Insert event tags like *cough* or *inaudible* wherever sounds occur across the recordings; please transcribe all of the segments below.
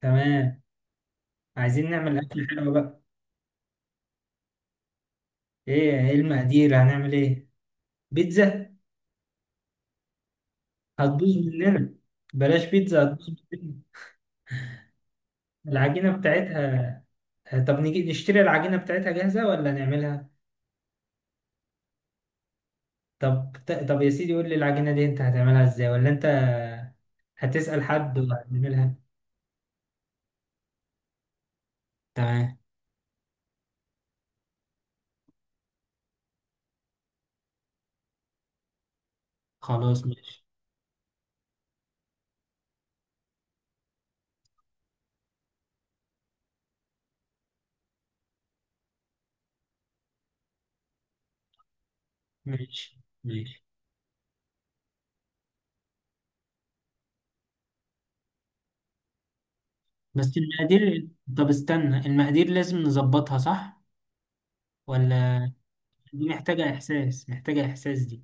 تمام. عايزين نعمل أكل حلو بقى. إيه المقادير؟ هنعمل إيه؟ بيتزا. هتبوظ مننا. بلاش بيتزا، هتبوظ مننا. العجينة بتاعتها. طب نيجي نشتري العجينة بتاعتها جاهزة ولا نعملها؟ طب طب يا سيدي، قول لي العجينة دي أنت هتعملها إزاي؟ ولا أنت هتسأل حد وهتعملها؟ تمام. خلاص ماشي. ماشي، ماشي. بس المقادير. طب استنى، المقادير لازم نظبطها صح ولا؟ دي محتاجة إحساس، محتاجة إحساس دي.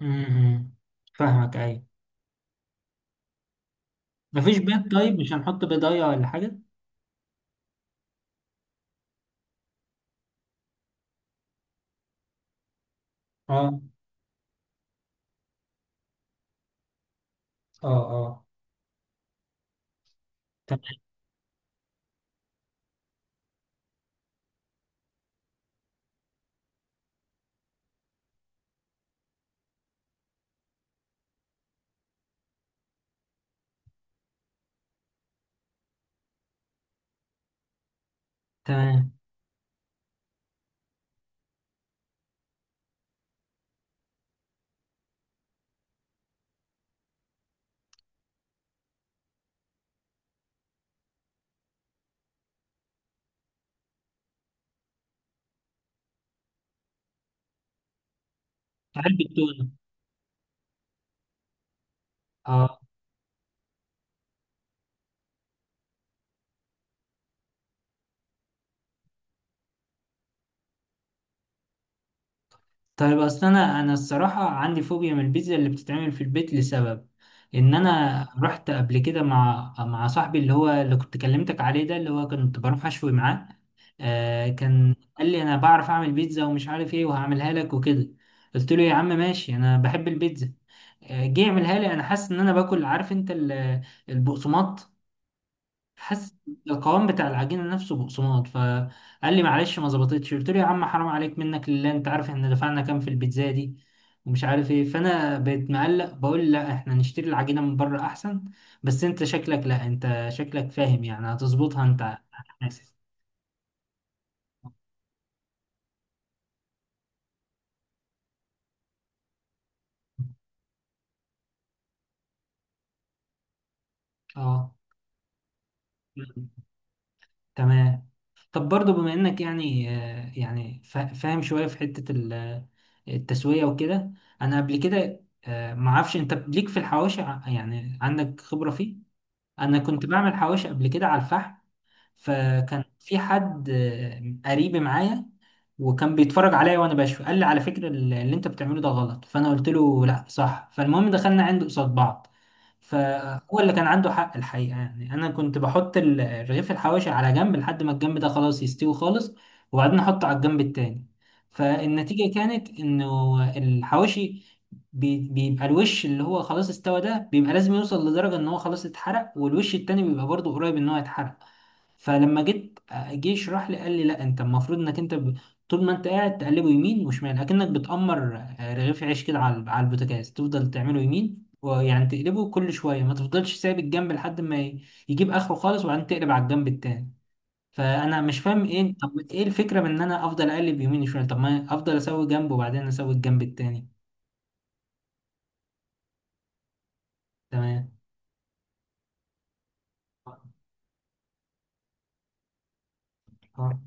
امم فاهمك، ايوه. مفيش بيض؟ طيب مش هنحط بيضايه ولا حاجه؟ اه. اه، اه. تمام. تمام. علبه تونه. اه. طيب، اصل انا الصراحه عندي فوبيا من البيتزا اللي بتتعمل في البيت، لسبب ان انا رحت قبل كده مع صاحبي اللي هو اللي كنت كلمتك عليه ده، اللي هو كنت بروح اشوي معاه. كان قال لي: انا بعرف اعمل بيتزا ومش عارف ايه، وهعملها لك وكده. قلت له: يا عم ماشي، انا بحب البيتزا. جه يعملها لي، انا حاسس ان انا باكل، عارف انت البقسماط، حاسس. القوام بتاع العجينه نفسه بقسماط. فقال لي: معلش ما ظبطتش. قلت له: يا عم حرام عليك، منك لله، انت عارف احنا دفعنا كام في البيتزا دي؟ ومش عارف ايه. فانا بقيت مقلق، بقول: لا، احنا نشتري العجينه من بره احسن. بس انت شكلك، لا، انت شكلك فاهم يعني، هتظبطها انت *laughs* حاسس. اه. تمام. طب برضو، بما انك يعني يعني فاهم شوية في حتة التسوية وكده. انا قبل كده معرفش، انت ليك في الحواشي؟ يعني عندك خبرة فيه؟ انا كنت بعمل حواشي قبل كده على الفحم. فكان في حد قريب معايا، وكان بيتفرج عليا وانا بشوي. قال لي: على فكرة، اللي انت بتعمله ده غلط. فانا قلت له: لا صح. فالمهم دخلنا عنده قصاد بعض. فهو اللي كان عنده حق الحقيقة، يعني انا كنت بحط رغيف الحواشي على جنب لحد ما الجنب ده خلاص يستوي خالص، وبعدين احطه على الجنب التاني. فالنتيجة كانت انه الحواشي بيبقى الوش اللي هو خلاص استوى ده بيبقى لازم يوصل لدرجة ان هو خلاص اتحرق، والوش التاني بيبقى برضه قريب ان هو يتحرق. فلما جيت آه، جه يشرح لي، قال لي: لا، انت المفروض انك انت. طول ما انت قاعد تقلبه يمين وشمال، اكنك بتأمر رغيف عيش كده على البوتاجاز، تفضل تعمله يمين، ويعني تقلبه كل شويه، ما تفضلش سايب الجنب لحد ما يجيب اخره خالص، وبعدين تقلب على الجنب التاني. فانا مش فاهم ايه، طب ايه الفكره من ان انا افضل اقلب يمين وشمال؟ طب ما افضل اسوي جنب وبعدين اسوي الجنب التاني. تمام. اه.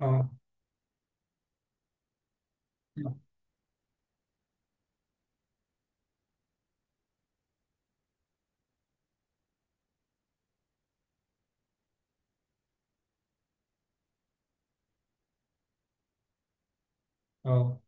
اه. اه.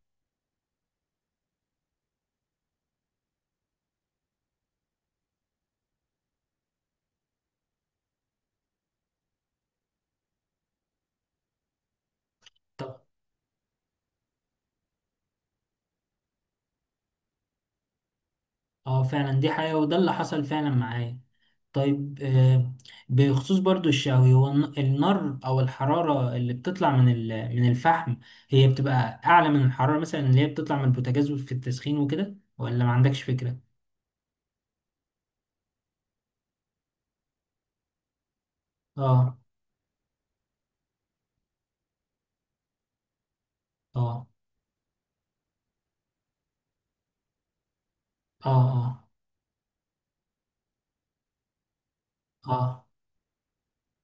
اه فعلا، دي حقيقة، وده اللي حصل فعلا معايا. طيب. بخصوص برضو الشاوي، هو النار او الحرارة اللي بتطلع من من الفحم، هي بتبقى اعلى من الحرارة مثلا اللي هي بتطلع من البوتاجاز في التسخين وكده، ولا ما عندكش فكرة؟ اه. اه. اه. اه. اه،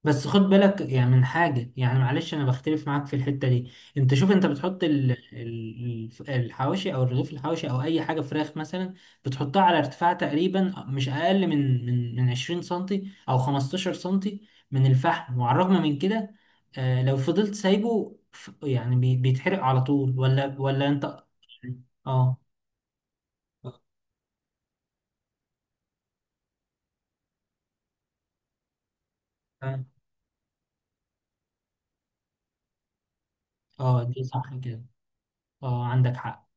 بس خد بالك يعني من حاجة، يعني معلش، أنا بختلف معاك في الحتة دي. أنت شوف، أنت بتحط الحواشي أو الرغيف الحواشي أو أي حاجة، فراخ مثلا، بتحطها على ارتفاع تقريبا مش أقل من 20 سنتي أو 15 سنتي من الفحم، وعلى الرغم من كده لو فضلت سايبه، يعني بيتحرق على طول ولا أنت؟ آه. آه. آه، دي صح كده. آه، عندك حق.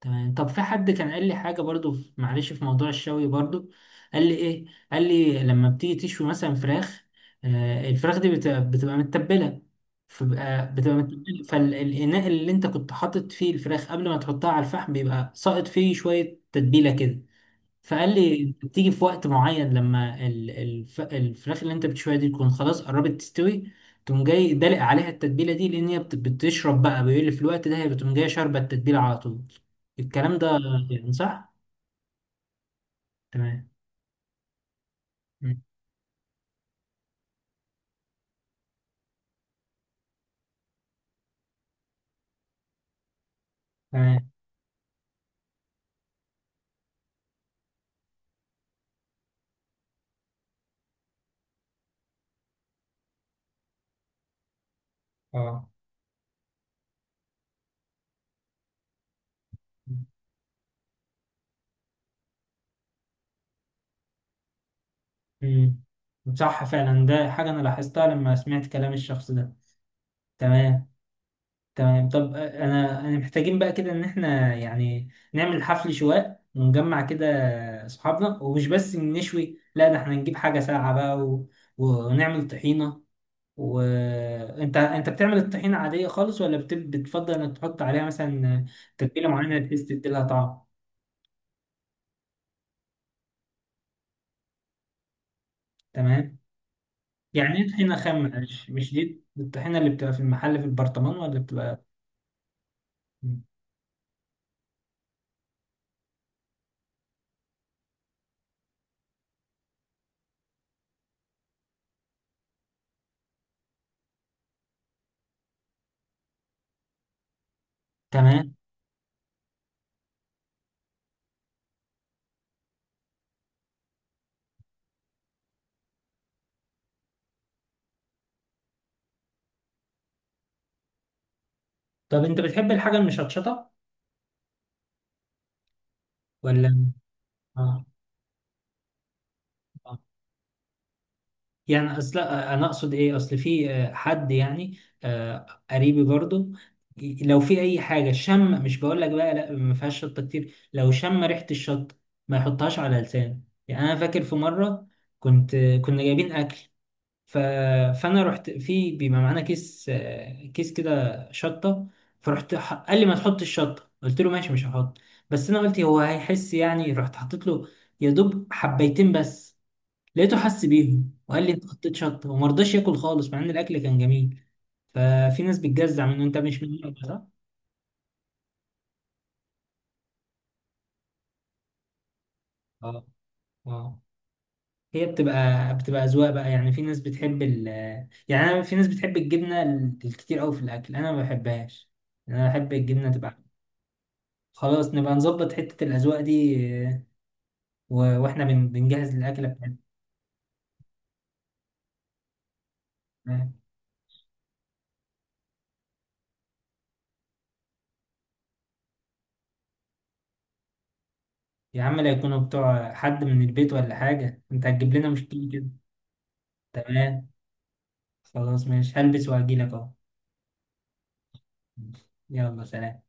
تمام. طب في حد كان قال لي حاجة برضو معلش في موضوع الشوي برضو. قال لي ايه؟ قال لي: لما بتيجي تشوي مثلا فراخ. الفراخ دي بتبقى متبلة. فبقى بتبقى متبلة، فالإناء اللي انت كنت حاطط فيه الفراخ قبل ما تحطها على الفحم بيبقى ساقط فيه شوية تتبيلة كده. فقال لي: أنت بتيجي في وقت معين لما الفراخ اللي انت بتشويها دي تكون خلاص قربت تستوي، تقوم جاي دلق عليها التتبيله دي، لان هي بتشرب بقى. بيقول لي: في الوقت ده هي بتقوم جايه شاربه التتبيله على طول. الكلام ده يعني صح؟ تمام. مم. تمام. اه. مم. صح فعلا، ده حاجه انا لاحظتها لما سمعت كلام الشخص ده. تمام. تمام. طب انا محتاجين بقى كده ان احنا يعني نعمل حفل شواء ونجمع كده اصحابنا، ومش بس نشوي، لا ده احنا نجيب حاجة ساقعة بقى ونعمل طحينة. وانت انت أنت بتعمل الطحينة عادية خالص، ولا بتفضل انك تحط عليها مثلا تتبيلة معينة بحيث تديلها طعم؟ تمام. يعني ايه طحينة خام؟ مش دي الطحينة اللي بتبقى في المحل في البرطمان، ولا بتبقى؟ تمام. طب انت بتحب الحاجة المشطشطة ولا؟ اه. يعني اصل انا اقصد ايه، اصل في حد يعني، قريبي برضو. لو في اي حاجه شم، مش بقول لك بقى لا ما فيهاش شطه كتير، لو شم ريحه الشطه ما يحطهاش على لسانه. يعني انا فاكر في مره، كنا جايبين اكل، ف... فانا رحت، في بيبقى معانا كيس، كده شطه. فرحت قال لي: ما تحطش الشطه. قلت له: ماشي مش هحط. بس انا قلت هو هيحس يعني، رحت حطيت له يا دوب حبيتين بس. لقيته حس بيهم، وقال لي: انت حطيت شطه، وما رضاش ياكل خالص، مع ان الاكل كان جميل. ففي ناس بتجزع منه، انت مش من النوع ده صح؟ اه. اه. هي بتبقى اذواق بقى، يعني في ناس بتحب يعني، أنا، في ناس بتحب الجبنه الكتير قوي في الاكل، انا ما بحبهاش. انا بحب الجبنه تبقى. خلاص نبقى نظبط حته الاذواق دي. آه، واحنا بنجهز الاكله بتاعتنا. آه. يا عم لا يكونوا بتوع حد من البيت ولا حاجه، انت هتجيب لنا مشكله كده. تمام. خلاص ماشي، هلبس وهجيلك اهو. يلا، سلام.